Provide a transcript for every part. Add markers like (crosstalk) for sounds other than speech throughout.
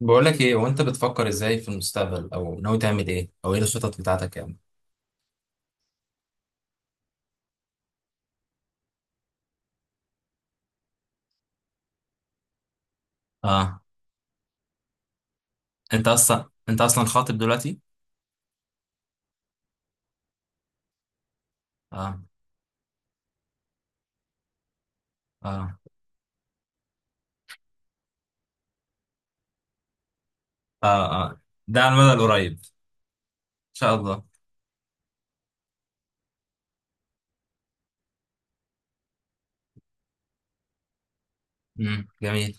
بقول لك ايه وانت بتفكر ازاي في المستقبل او ناوي تعمل ايه او ايه الخطط بتاعتك يعني. اه، انت اصلا انت اصلا خاطب دلوقتي؟ اه، اه، اه، اه، ده على المدى القريب ان شاء الله. امم، جميل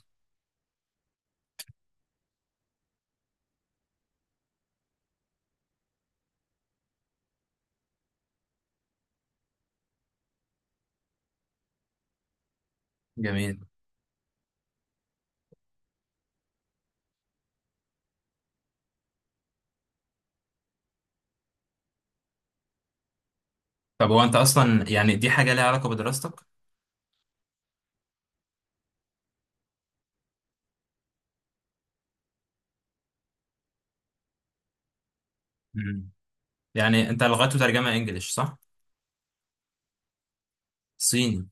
جميل. طب هو انت اصلا يعني دي حاجه ليها علاقه بدراستك؟ امم، يعني انت لغته ترجمه انجليش صح؟ صيني؟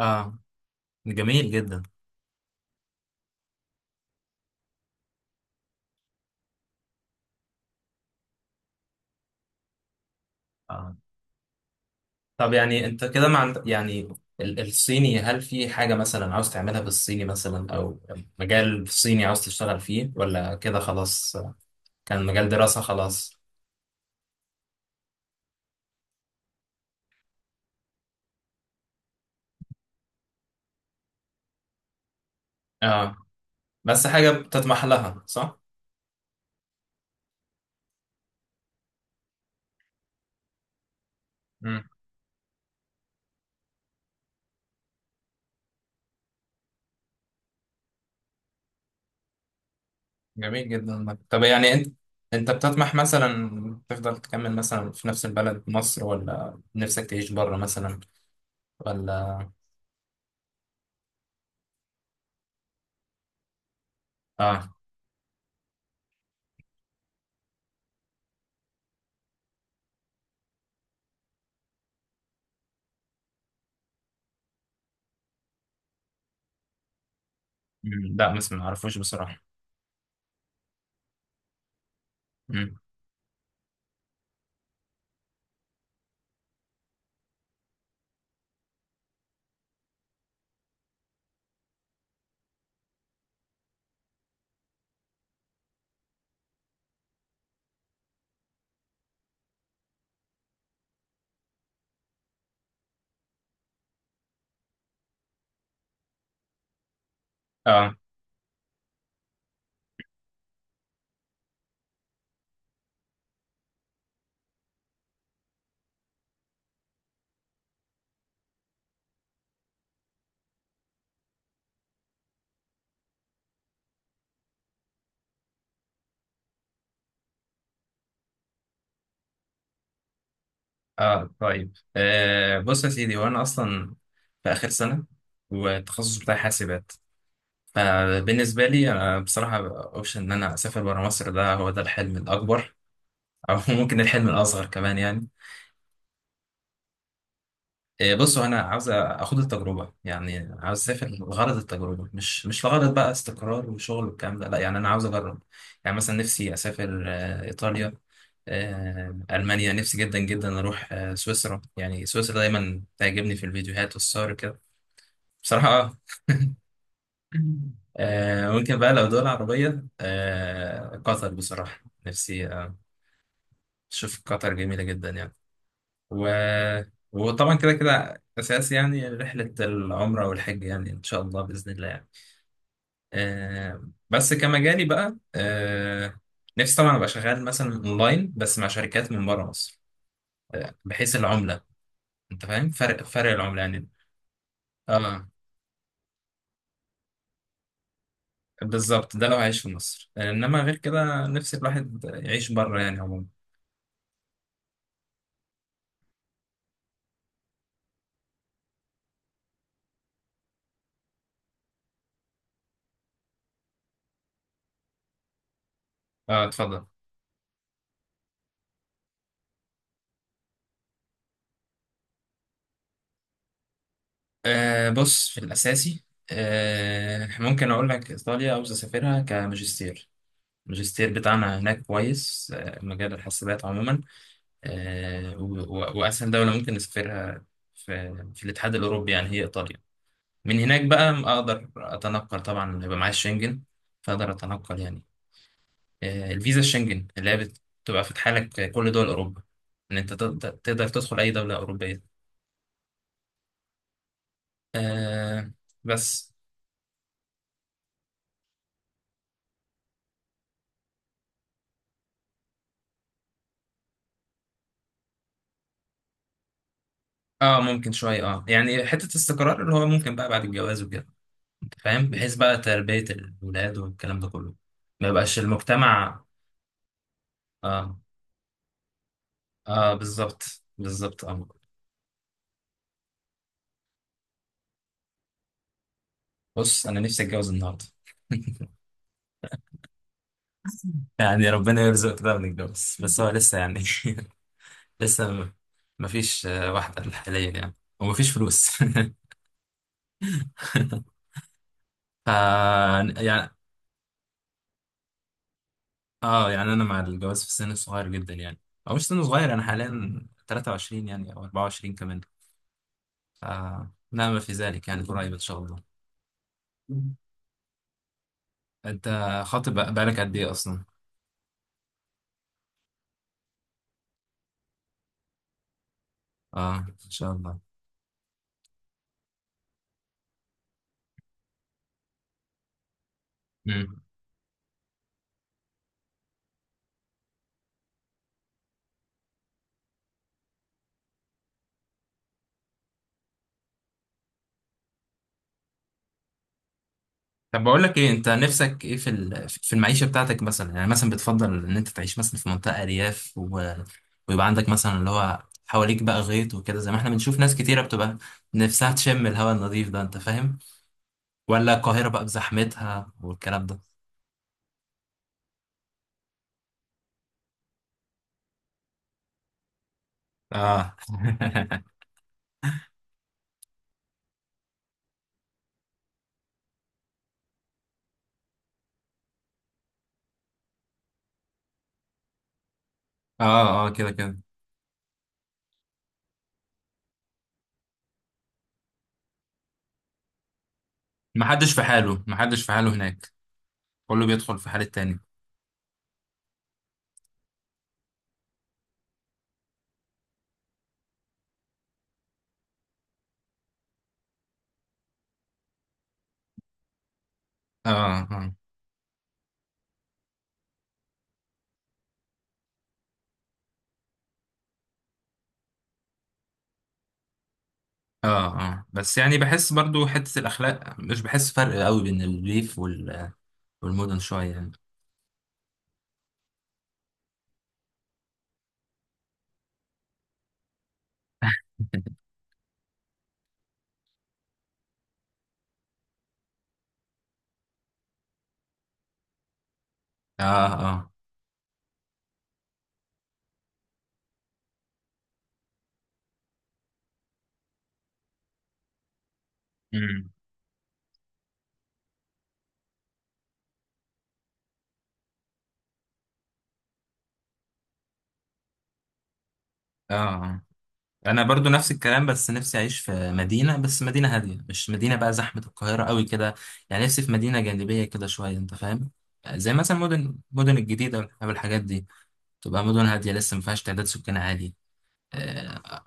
اه، جميل جدا. آه. طب يعني انت كده مع يعني الصيني، هل في حاجة مثلا عاوز تعملها بالصيني مثلا او مجال صيني عاوز تشتغل فيه ولا كده خلاص؟ كان مجال دراسة خلاص. اه، بس حاجة بتطمح لها صح؟ امم، جميل جدا. طب يعني انت، انت بتطمح مثلا تفضل تكمل مثلا في نفس البلد مصر ولا نفسك تعيش بره مثلا ولا؟ اه. مم، لا بس ما اعرفوش بصراحة. مم. اه، اه، طيب آه، بص يا سيدي، وانا اصلا في اخر سنه، والتخصص بتاعي حاسبات. فبالنسبه لي انا بصراحه اوبشن ان انا اسافر بره مصر ده هو ده الحلم الاكبر. (laughs) او ممكن الحلم الاصغر كمان يعني. بصوا انا عاوز اخد التجربه، يعني عاوز اسافر لغرض التجربه، مش لغرض بقى استقرار وشغل والكلام ده، لا، يعني انا عاوز اجرب. يعني مثلا نفسي اسافر ايطاليا، المانيا. نفسي جدا جدا اروح سويسرا، يعني سويسرا دايما تعجبني في الفيديوهات والصور كده. بصراحه اه. ممكن بقى لو دول عربيه، قطر بصراحه نفسي اشوف قطر جميله جدا يعني. و... وطبعا كده كده اساس يعني رحله العمره والحج، يعني ان شاء الله باذن الله يعني. بس كمجالي بقى نفسي طبعا ابقى شغال مثلا اونلاين بس مع شركات من بره مصر، بحيث العمله، انت فاهم، فرق العمله يعني. اه، بالظبط، ده لو عايش في مصر، انما غير كده نفسي الواحد يعيش بره يعني عموما. اه، اتفضل. بص في الاساسي، ممكن اقول لك ايطاليا عاوز اسافرها كماجستير. الماجستير بتاعنا هناك كويس، مجال الحاسبات عموما. آه، و- و- وأسهل دولة ممكن نسافرها في الاتحاد الأوروبي يعني هي إيطاليا. من هناك بقى أقدر أتنقل، طبعا يبقى معايا الشنجن، فأقدر أتنقل يعني. الفيزا الشنجن اللي هي بتبقى فاتحة لك كل دول أوروبا، إن أنت تقدر تقدر تدخل أي دولة أوروبية. آه، بس. اه، ممكن شوية، اه يعني حتة استقرار اللي هو ممكن بقى بعد الجواز وكده، أنت فاهم، بحيث بقى تربية الولاد والكلام ده كله. ما يبقاش المجتمع. اه، اه، بالظبط، بالظبط اه. بص انا نفسي اتجوز النهارده. (laughs) يعني ربنا يرزق كده ونتجوز، بس هو لسه يعني، (laughs) لسه مفيش واحدة حاليا يعني، ومفيش فلوس. (laughs) ف يعني اه، يعني انا مع الجواز في السن الصغير جدا يعني، او مش سن صغير، انا حاليا 23 يعني، او 24 كمان. ف لا ما في ذلك يعني، قريب ان شاء الله انت خاطب بق- بقالك قد ايه اصلا اه ان شاء الله. امم، طب، بقول لك ايه، انت نفسك ايه في في المعيشه بتاعتك مثلا؟ يعني مثلا بتفضل ان انت تعيش مثلا في منطقه ارياف ويبقى عندك مثلا اللي هو حواليك بقى غيط وكده، زي ما احنا بنشوف ناس كتيره بتبقى نفسها تشم الهواء النظيف ده، انت فاهم؟ ولا القاهره بقى بزحمتها والكلام ده؟ اه. (laughs) اه، اه، كده كده. محدش في حاله هناك، كله بيدخل في حال التاني. اه، اه، اه، بس يعني بحس برضو حتة الأخلاق، مش بحس فرق قوي بين الريف والمدن شوية يعني. (laughs) اه، اه، امم، اه، آه. انا برضو نفس الكلام، بس نفسي اعيش في مدينه، بس مدينه هاديه، مش مدينه بقى زحمه القاهره قوي كده. يعني نفسي في مدينه جانبيه كده شويه، انت فاهم، زي مثلا مدن الجديده والحاجات دي، تبقى مدن هاديه لسه ما فيهاش تعداد سكان عالي. اه،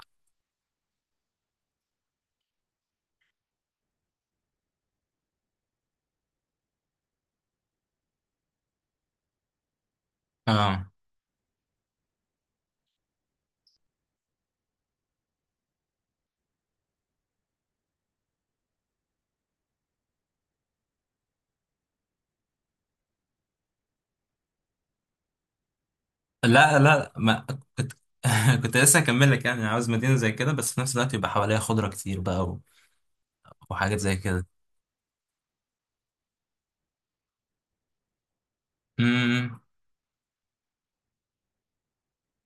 آه. لا لا ما كنت (laughs) كنت لسه هكمل لك، يعني عاوز مدينة زي كده بس في نفس الوقت يبقى حواليها خضرة كتير بقى، وحاجات زي كده. امم،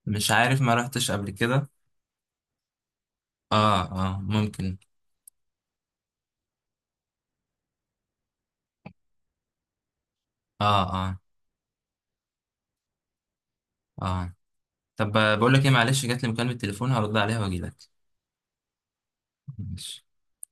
مش عارف ما رحتش قبل كده. اه، اه، ممكن. اه، اه، اه، طب، بقول لك ايه، معلش جات لي مكالمة تليفون هرد عليها واجي لك. ماشي.